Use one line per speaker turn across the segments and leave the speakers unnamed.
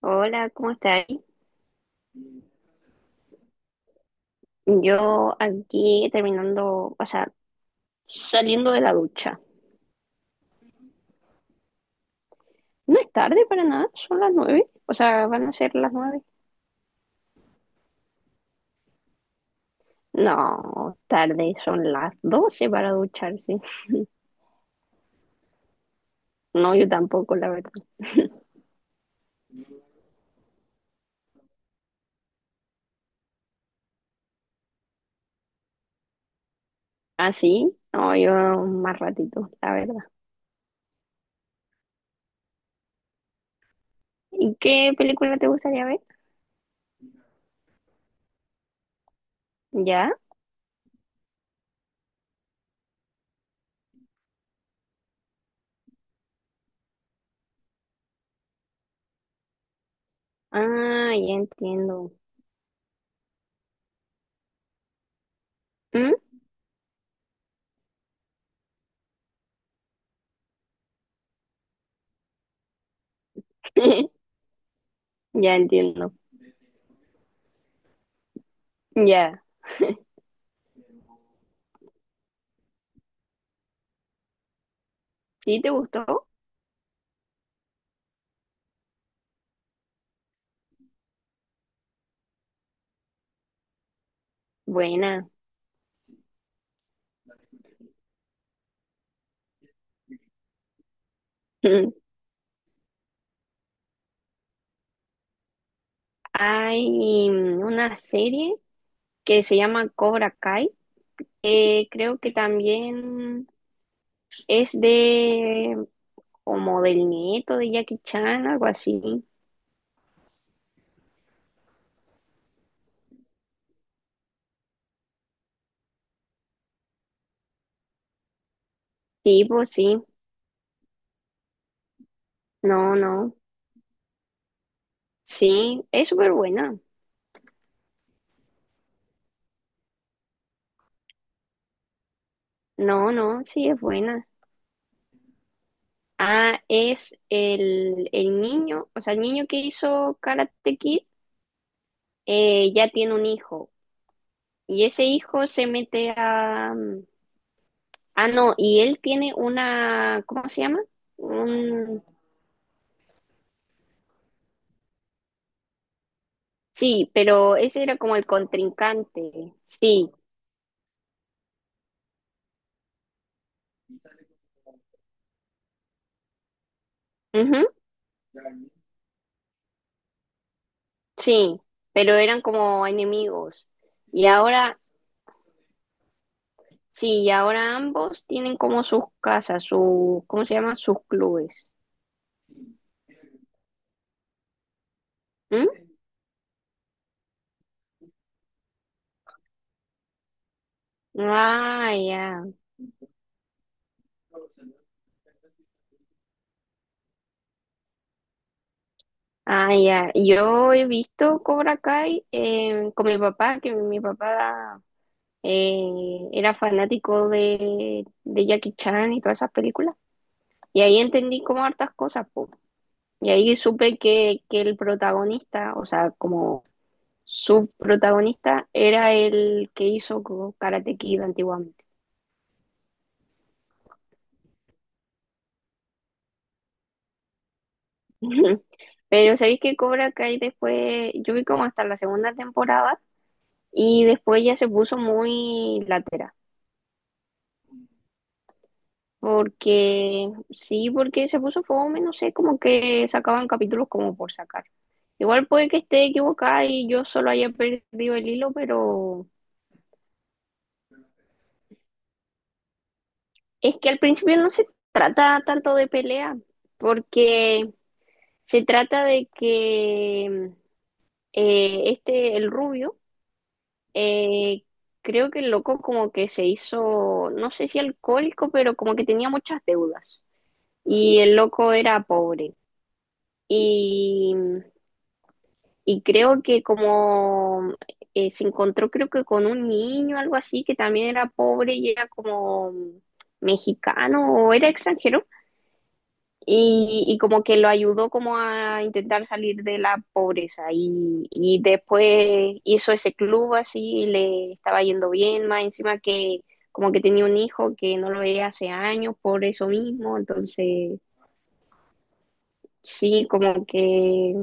Hola, ¿cómo estás? Yo aquí terminando, o sea, saliendo de la ducha. No es tarde para nada, son las 9. O sea, van a ser las 9. No, tarde, son las 12 para ducharse. No, yo tampoco, la verdad. ¿Ah, sí? No, yo más ratito, la verdad. ¿Y qué película te gustaría ver? ¿Ya? Ah, ya entiendo. ¿Mm? Ya entiendo. Ya. ¿Sí te gustó? Buena. Hay una serie que se llama Cobra Kai. Creo que también es de como del nieto de Jackie Chan, algo así. Sí, pues sí. No, no. Sí, es súper buena. No, no, sí es buena. Ah, es el niño, o sea, el niño que hizo Karate Kid ya tiene un hijo. Y ese hijo se mete a... Ah, no, y él tiene una, ¿cómo se llama? Un, Sí, pero ese era como el contrincante. Sí, ujú, sí, pero eran como enemigos. Y ahora, sí, y ahora ambos tienen como sus casas, su, ¿cómo se llama? Sus clubes. ¿Mm? Ah, ya, ah, ya. Yo he visto Cobra Kai con mi papá, que mi papá era fanático de Jackie Chan y todas esas películas. Y ahí entendí como hartas cosas, po. Y ahí supe que el protagonista, o sea, como subprotagonista, era el que hizo Karate Kid antiguamente. Pero sabéis que Cobra Kai después, yo vi como hasta la segunda temporada y después ya se puso muy latera. Porque, sí, porque se puso fome, no sé, como que sacaban capítulos como por sacar. Igual puede que esté equivocada y yo solo haya perdido el hilo, pero es que al principio no se trata tanto de pelea, porque se trata de que este, el rubio, eh, creo que el loco como que se hizo, no sé si alcohólico, pero como que tenía muchas deudas. Y el loco era pobre. Y, y creo que como se encontró, creo que con un niño, algo así, que también era pobre y era como mexicano o era extranjero. Y como que lo ayudó como a intentar salir de la pobreza y después hizo ese club así y le estaba yendo bien, más encima que como que tenía un hijo que no lo veía hace años por eso mismo, entonces sí, como que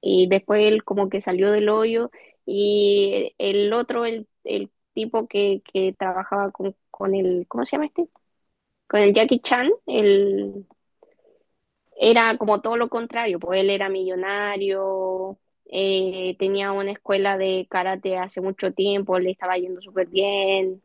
y después él como que salió del hoyo y el otro, el tipo que trabajaba con el, ¿cómo se llama este? Con el Jackie Chan, el, era como todo lo contrario, pues él era millonario, tenía una escuela de karate hace mucho tiempo, le estaba yendo súper bien,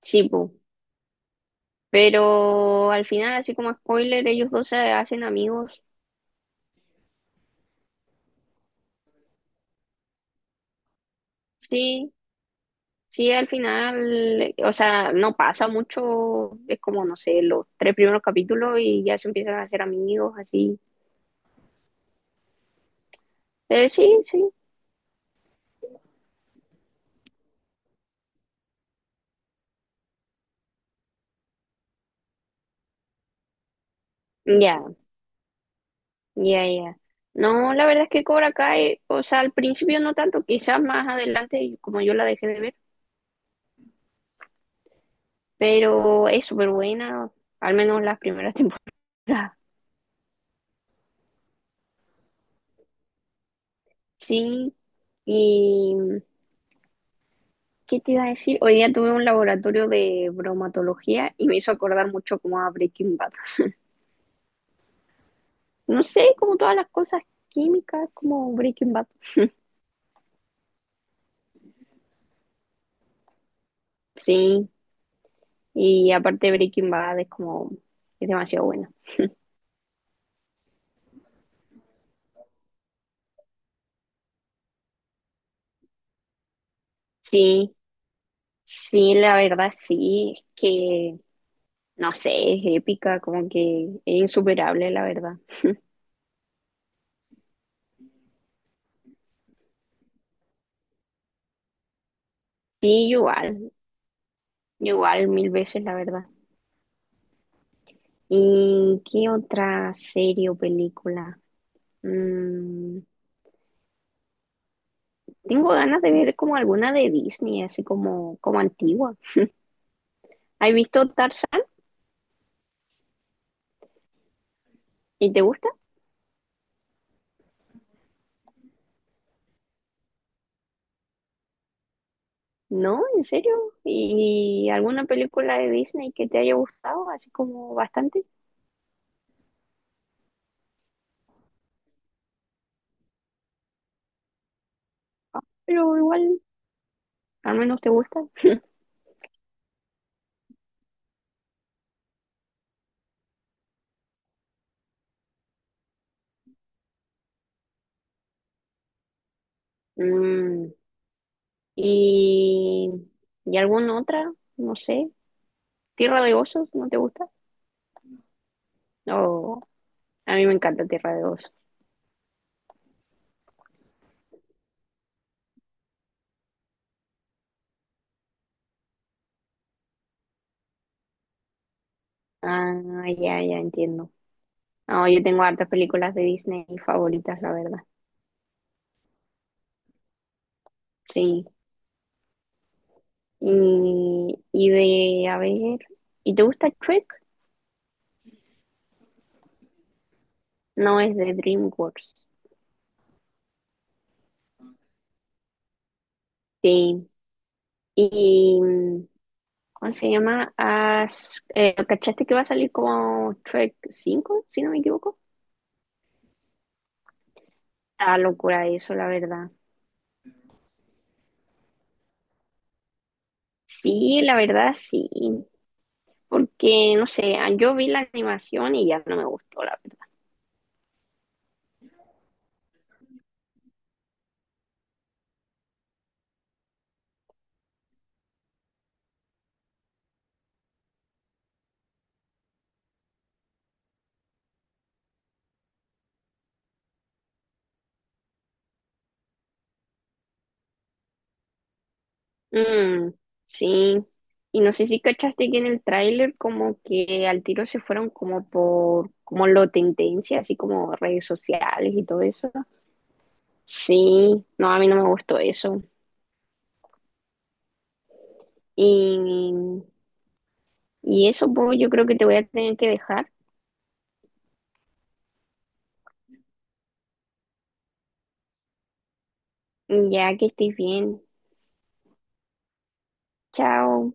sí, pues. Pero al final, así como spoiler, ellos dos se hacen amigos, sí, sí, al final, o sea, no pasa mucho, es como, no sé, los tres primeros capítulos y ya se empiezan a hacer amigos, así. Sí, sí, ya, ya, ya. No, la verdad es que Cobra Kai, o sea, al principio no tanto, quizás más adelante, como yo la dejé de ver, pero es súper buena, al menos las primeras temporadas. Sí, y ¿qué te iba a decir? Hoy día tuve un laboratorio de bromatología y me hizo acordar mucho como a Breaking Bad. No sé, como todas las cosas químicas, como Breaking Bad. Sí, y aparte Breaking Bad es como, es demasiado buena. Sí, sí, la verdad sí, es que no sé, es épica, como que es insuperable, la verdad. Sí, igual, igual mil veces, la verdad. ¿Y qué otra serie o película? Mm, tengo ganas de ver como alguna de Disney, así como, como antigua. ¿Has visto Tarzán? ¿Y te gusta? No, ¿en serio? ¿Y alguna película de Disney que te haya gustado, así como bastante? Ah, pero igual, al menos te gusta. Mm, ¿y, y alguna otra? No sé. ¿Tierra de osos? ¿No te gusta? No, a mí me encanta Tierra de osos. Ah, ya, ya entiendo. No, yo tengo hartas películas de Disney favoritas, la verdad. Sí. Y de, a ver, ¿y te gusta Shrek? No, es de DreamWorks. Sí. Y, mm, ¿cómo se llama? ¿Cachaste que va a salir como Shrek 5? ¿Si no me equivoco? Ah, locura eso, la verdad. Sí, la verdad, sí. Porque, no sé, ah, yo vi la animación y ya no me gustó, la verdad. Mm, sí. Y no sé si cachaste que en el tráiler como que al tiro se fueron como por, como lo tendencia, así como redes sociales y todo eso. Sí, no, a mí no me gustó eso. Y, y eso, pues, yo creo que te voy a tener que dejar, ya que estés bien. Chao.